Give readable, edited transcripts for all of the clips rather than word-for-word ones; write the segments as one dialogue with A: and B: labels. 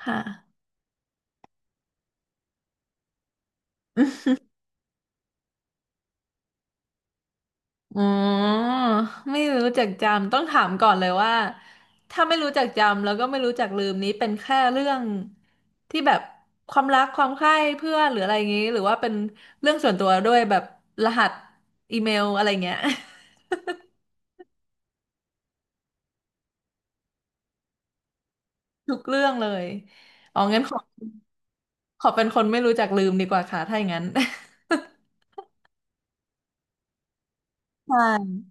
A: ค่ะ อ๋อ ไม่รู้จักจำต้องถามก่อนเลยว่าถ้าไม่รู้จักจำแล้วก็ไม่รู้จักลืมนี้เป็นแค่เรื่องที่แบบความรักความใคร่เพื่อนหรืออะไรอย่างงี้หรือว่าเป็นเรื่องส่วนตัวด้วยแบบรหัสอีเมลอะไรเงี้ย ทุกเรื่องเลยอ๋องั้นขอเป็นคนไม่รู้จักลืมดีกว่าค่ะถ้าอย่างนั้น ใช่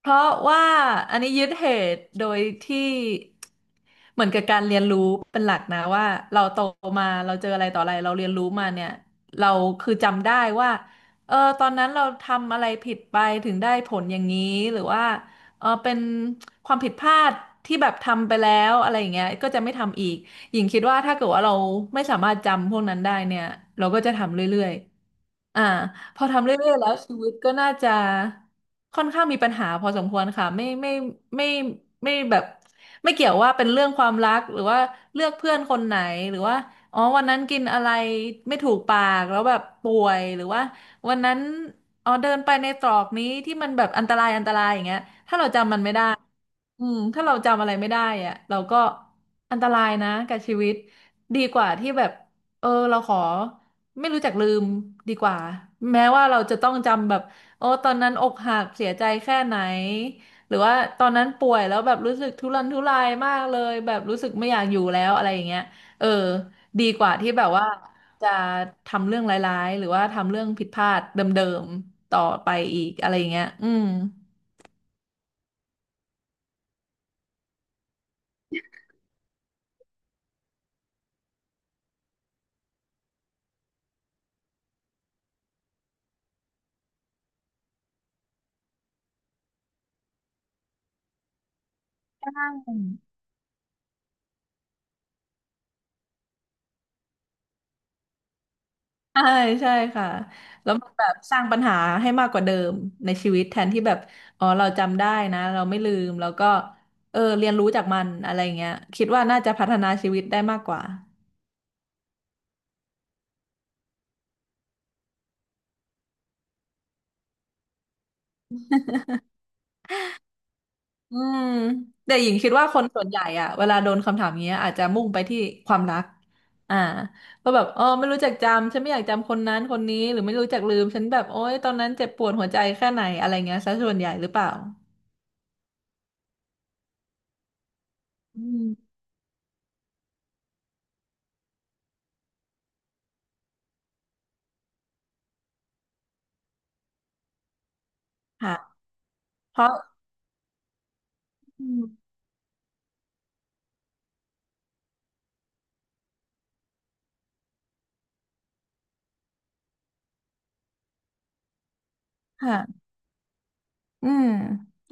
A: เพราะว่าอันนี้ยึดเหตุโดยที่เหมือนกับการเรียนรู้เป็นหลักนะว่าเราโตมาเราเจออะไรต่ออะไรเราเรียนรู้มาเนี่ยเราคือจำได้ว่าเออตอนนั้นเราทำอะไรผิดไปถึงได้ผลอย่างนี้หรือว่าเออเป็นความผิดพลาดที่แบบทำไปแล้วอะไรอย่างเงี้ยก็จะไม่ทำอีกหญิงคิดว่าถ้าเกิดว่าเราไม่สามารถจำพวกนั้นได้เนี่ยเราก็จะทำเรื่อยๆอ่า พอทำเรื่อยๆแล้วชีวิตก็น่าจะค่อนข้างมีปัญหาพอสมควรค่ะไม่ไม่แบบไม่เกี่ยวว่าเป็นเรื่องความรักหรือว่าเลือกเพื่อนคนไหนหรือว่าอ๋อวันนั้นกินอะไรไม่ถูกปากแล้วแบบป่วยหรือว่าวันนั้นอ๋อเดินไปในตรอกนี้ที่มันแบบอันตรายอันตรายอย่างเงี้ยถ้าเราจำมันไม่ได้ อืมถ้าเราจำอะไรไม่ได้อะเราก็อันตรายนะกับชีวิตดีกว่าที่แบบเออเราขอไม่รู้จักลืมดีกว่าแม้ว่าเราจะต้องจำแบบโอ้ตอนนั้นอกหักเสียใจแค่ไหนหรือว่าตอนนั้นป่วยแล้วแบบรู้สึกทุรนทุรายมากเลยแบบรู้สึกไม่อยากอยู่แล้วอะไรอย่างเงี้ยเออดีกว่าที่แบบว่าจะทำเรื่องร้ายๆหรือว่าทำเรื่องผิดพลาดเดิมๆต่อไปอีกอะไรอย่างเงี้ยอืม ใช่ใช่ค่ะแล้วมันแบบสร้างปัญหาให้มากกว่าเดิมในชีวิตแทนที่แบบอ๋อเราจำได้นะเราไม่ลืมแล้วก็เออเรียนรู้จากมันอะไรเงี้ยคิดว่าน่าจะพัฒนาชีวิตได้มากกว่าอืมแต่หญิงคิดว่าคนส่วนใหญ่อะเวลาโดนคำถามเงี้ยอาจจะมุ่งไปที่ความรักอ่าว่าแบบอ๋อไม่รู้จักจำฉันไม่อยากจำคนนั้นคนนี้หรือไม่รู้จักลืมฉันแบบโอ๊ยตอนนั้นเจ็บปวดหัวใจแค่ไหนอะไรเงี้ยซะส่วนใหญ่หรือเปล่าอืมค่ะเพราะอืมค่ะ อืม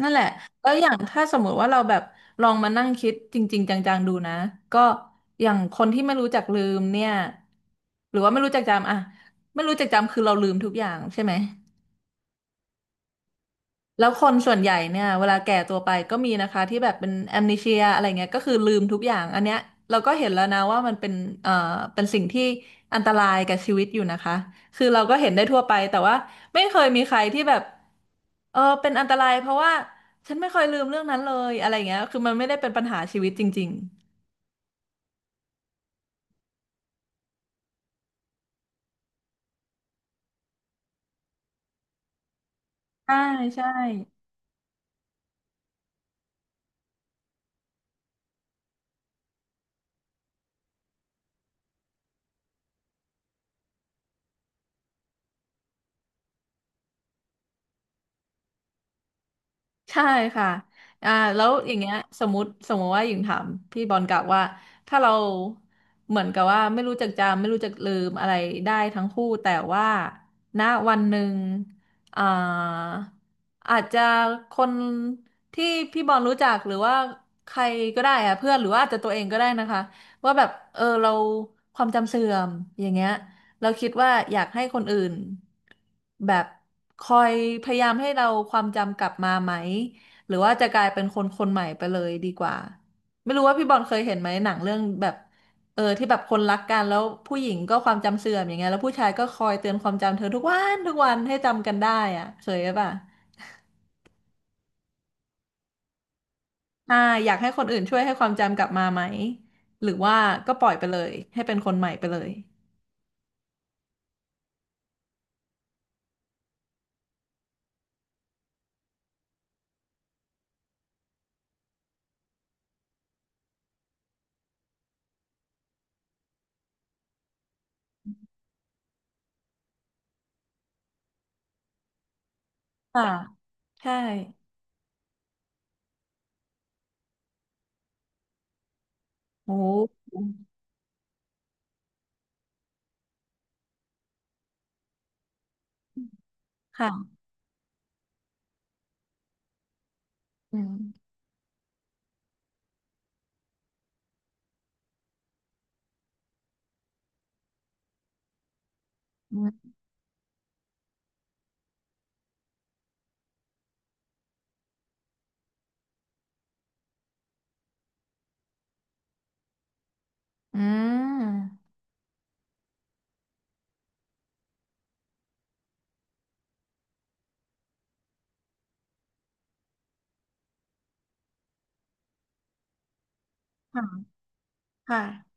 A: นั่นแหละแล้วอย่างถ้าสมมุติว่าเราแบบลองมานั่งคิดจริงๆจังๆดูนะก็อย่างคนที่ไม่รู้จักลืมเนี่ยหรือว่าไม่รู้จักจำอะไม่รู้จักจำคือเราลืมทุกอย่างใช่ไหม แล้วคนส่วนใหญ่เนี่ยเวลาแก่ตัวไปก็มีนะคะที่แบบเป็นแอมเนเชียอะไรเงี้ยก็คือลืมทุกอย่างอันเนี้ยเราก็เห็นแล้วนะว่ามันเป็นเอ่อเป็นสิ่งที่อันตรายกับชีวิตอยู่นะคะคือเราก็เห็นได้ทั่วไปแต่ว่าไม่เคยมีใครที่แบบเออเป็นอันตรายเพราะว่าฉันไม่เคยลืมเรื่องนั้นเลยอะไรเงี้ยคือมันไม่ได้เป็นปัญหาชีวิตจริงๆใช่ใช่ ใช่ค่ะอ่าแล้วอย่างเงี้ยสมมติว่าหญิงถามพี่บอลกลับว่าถ้าเราเหมือนกับว่าไม่รู้จักจำไม่รู้จักลืมอะไรได้ทั้งคู่แต่ว่าณวันหนึ่งอ่าอาจจะคนที่พี่บอลรู้จักหรือว่าใครก็ได้อะเพื่อนหรือว่าอาจจะตัวเองก็ได้นะคะว่าแบบเออเราความจำเสื่อมอย่างเงี้ย เราคิดว่าอยากให้คนอื่นแบบคอยพยายามให้เราความจำกลับมาไหมหรือว่าจะกลายเป็นคนคนใหม่ไปเลยดีกว่าไม่รู้ว่าพี่บอลเคยเห็นไหมหนังเรื่องแบบเออที่แบบคนรักกันแล้วผู้หญิงก็ความจำเสื่อมอย่างเงี้ยแล้วผู้ชายก็คอยเตือนความจำเธอทุกวันทุกวันให้จำกันได้อะเคยป่ะอ่าอยากให้คนอื่นช่วยให้ความจำกลับมาไหมหรือว่าก็ปล่อยไปเลยให้เป็นคนใหม่ไปเลยค่ะใช่โอ้ค่ะอืม อืมอืมค่ะค่ะ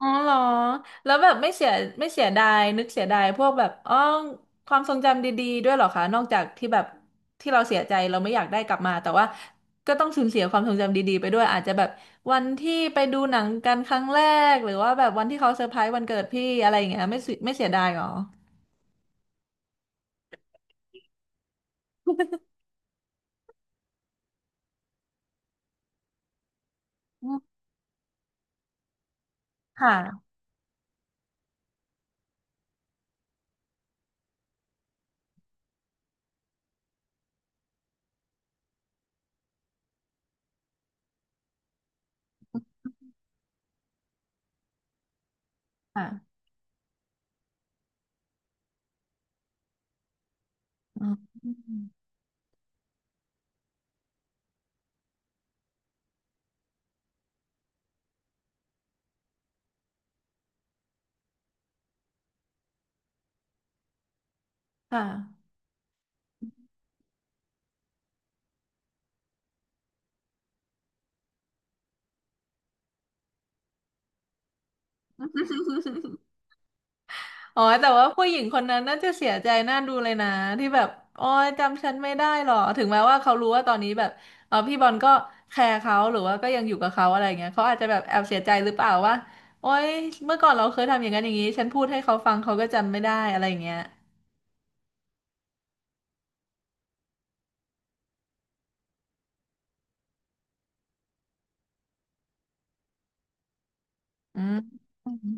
A: อ๋อเหรอแล้วแบบไม่เสียดายนึกเสียดายพวกแบบอ๋อความทรงจำดีๆด้วยเหรอคะนอกจากที่แบบที่เราเสียใจเราไม่อยากได้กลับมาแต่ว่าก็ต้องสูญเสียความทรงจำดีๆไปด้วยอาจจะแบบวันที่ไปดูหนังกันครั้งแรกหรือว่าแบบวันที่เขาเซอร์ไพรส์วันเกิดพี่อะไรอย่างเงี้ยไม่เสียดายเหรออืมค่ะค่ะอืมค่ะ อ๋อแต่ว่าผู้หญิงคนนั้นน่าจะเสียใจน่าดูเลยนะที่แบบอ๋อจำฉันไม่ได้หรอถึงแม้ว่าเขารู้ว่าตอนนี้แบบเออพี่บอลก็แคร์เขาหรือว่าก็ยังอยู่กับเขาอะไรเงี้ยเขาอาจจะแบบแอบเสียใจหรือเปล่าว่าโอ๊ยเมื่อก่อนเราเคยทำอย่างนั้นอย่างนี้ฉันพูดให้เขาฟังเขาก็จำไม่ได้อะไรเงี้ยอืมอืม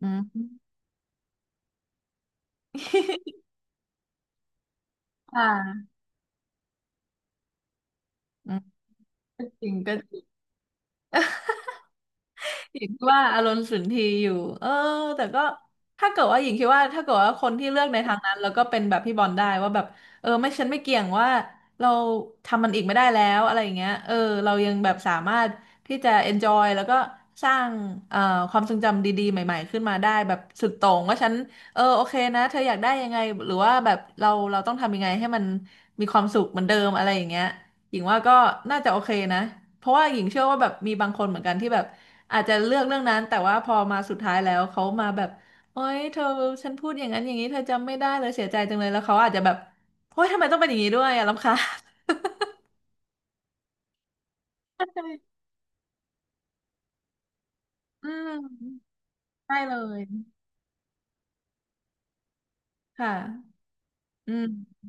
A: อืม ค่ะอืมก็จริงก็ หญิงว่าอารมณ์สุนทรีย์อยู่เออแต่ก็ถ้าเกิดว่าหญิงคิดว่าถ้าเกิดว่าคนที่เลือกในทางนั้นแล้วก็เป็นแบบพี่บอลได้ว่าแบบเออไม่ฉันไม่เกี่ยงว่าเราทำมันอีกไม่ได้แล้วอะไรอย่างเงี้ยเออเรายังแบบสามารถที่จะ enjoy แล้วก็สร้างเอ่อความทรงจำดีๆใหม่ๆขึ้นมาได้แบบสุดโต่งว่าฉันเออโอเคนะเธออยากได้ยังไงหรือว่าแบบเราต้องทำยังไงให้มันมีความสุขเหมือนเดิมอะไรอย่างเงี้ยหญิงว่าก็น่าจะโอเคนะเพราะว่าหญิงเชื่อว่าแบบมีบางคนเหมือนกันที่แบบ อาจจะเลือกเรื่องนั้นแต่ว่าพอมาสุดท้ายแล้วเขามาแบบโอ๊ยเธอฉันพูดอย่างนั้นอย่างนี้เธอจำไม่ได้เลยเสียใจจังเลยแล้วเขาอาจจะแบบโอ๊ยทำไมต้องเป็นอย่างนี้ด้วยอ่ะรำคาญ อืมได้เลยค่ะอืม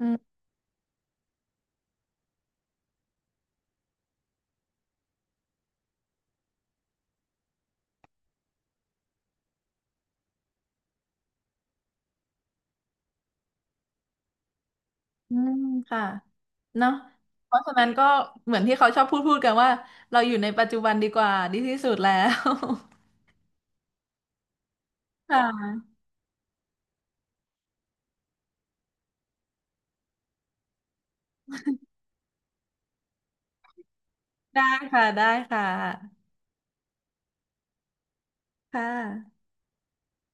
A: อืมอืมค่ะเนาะเพราะฉะนั้นก็เหมือนที่เขาชอบพูดกันว่าเราอยู่ในปัจจุบันดีกว่าดีที่สุดแล้ว ค่ะได้ค่ะได้ค่ะค่ะ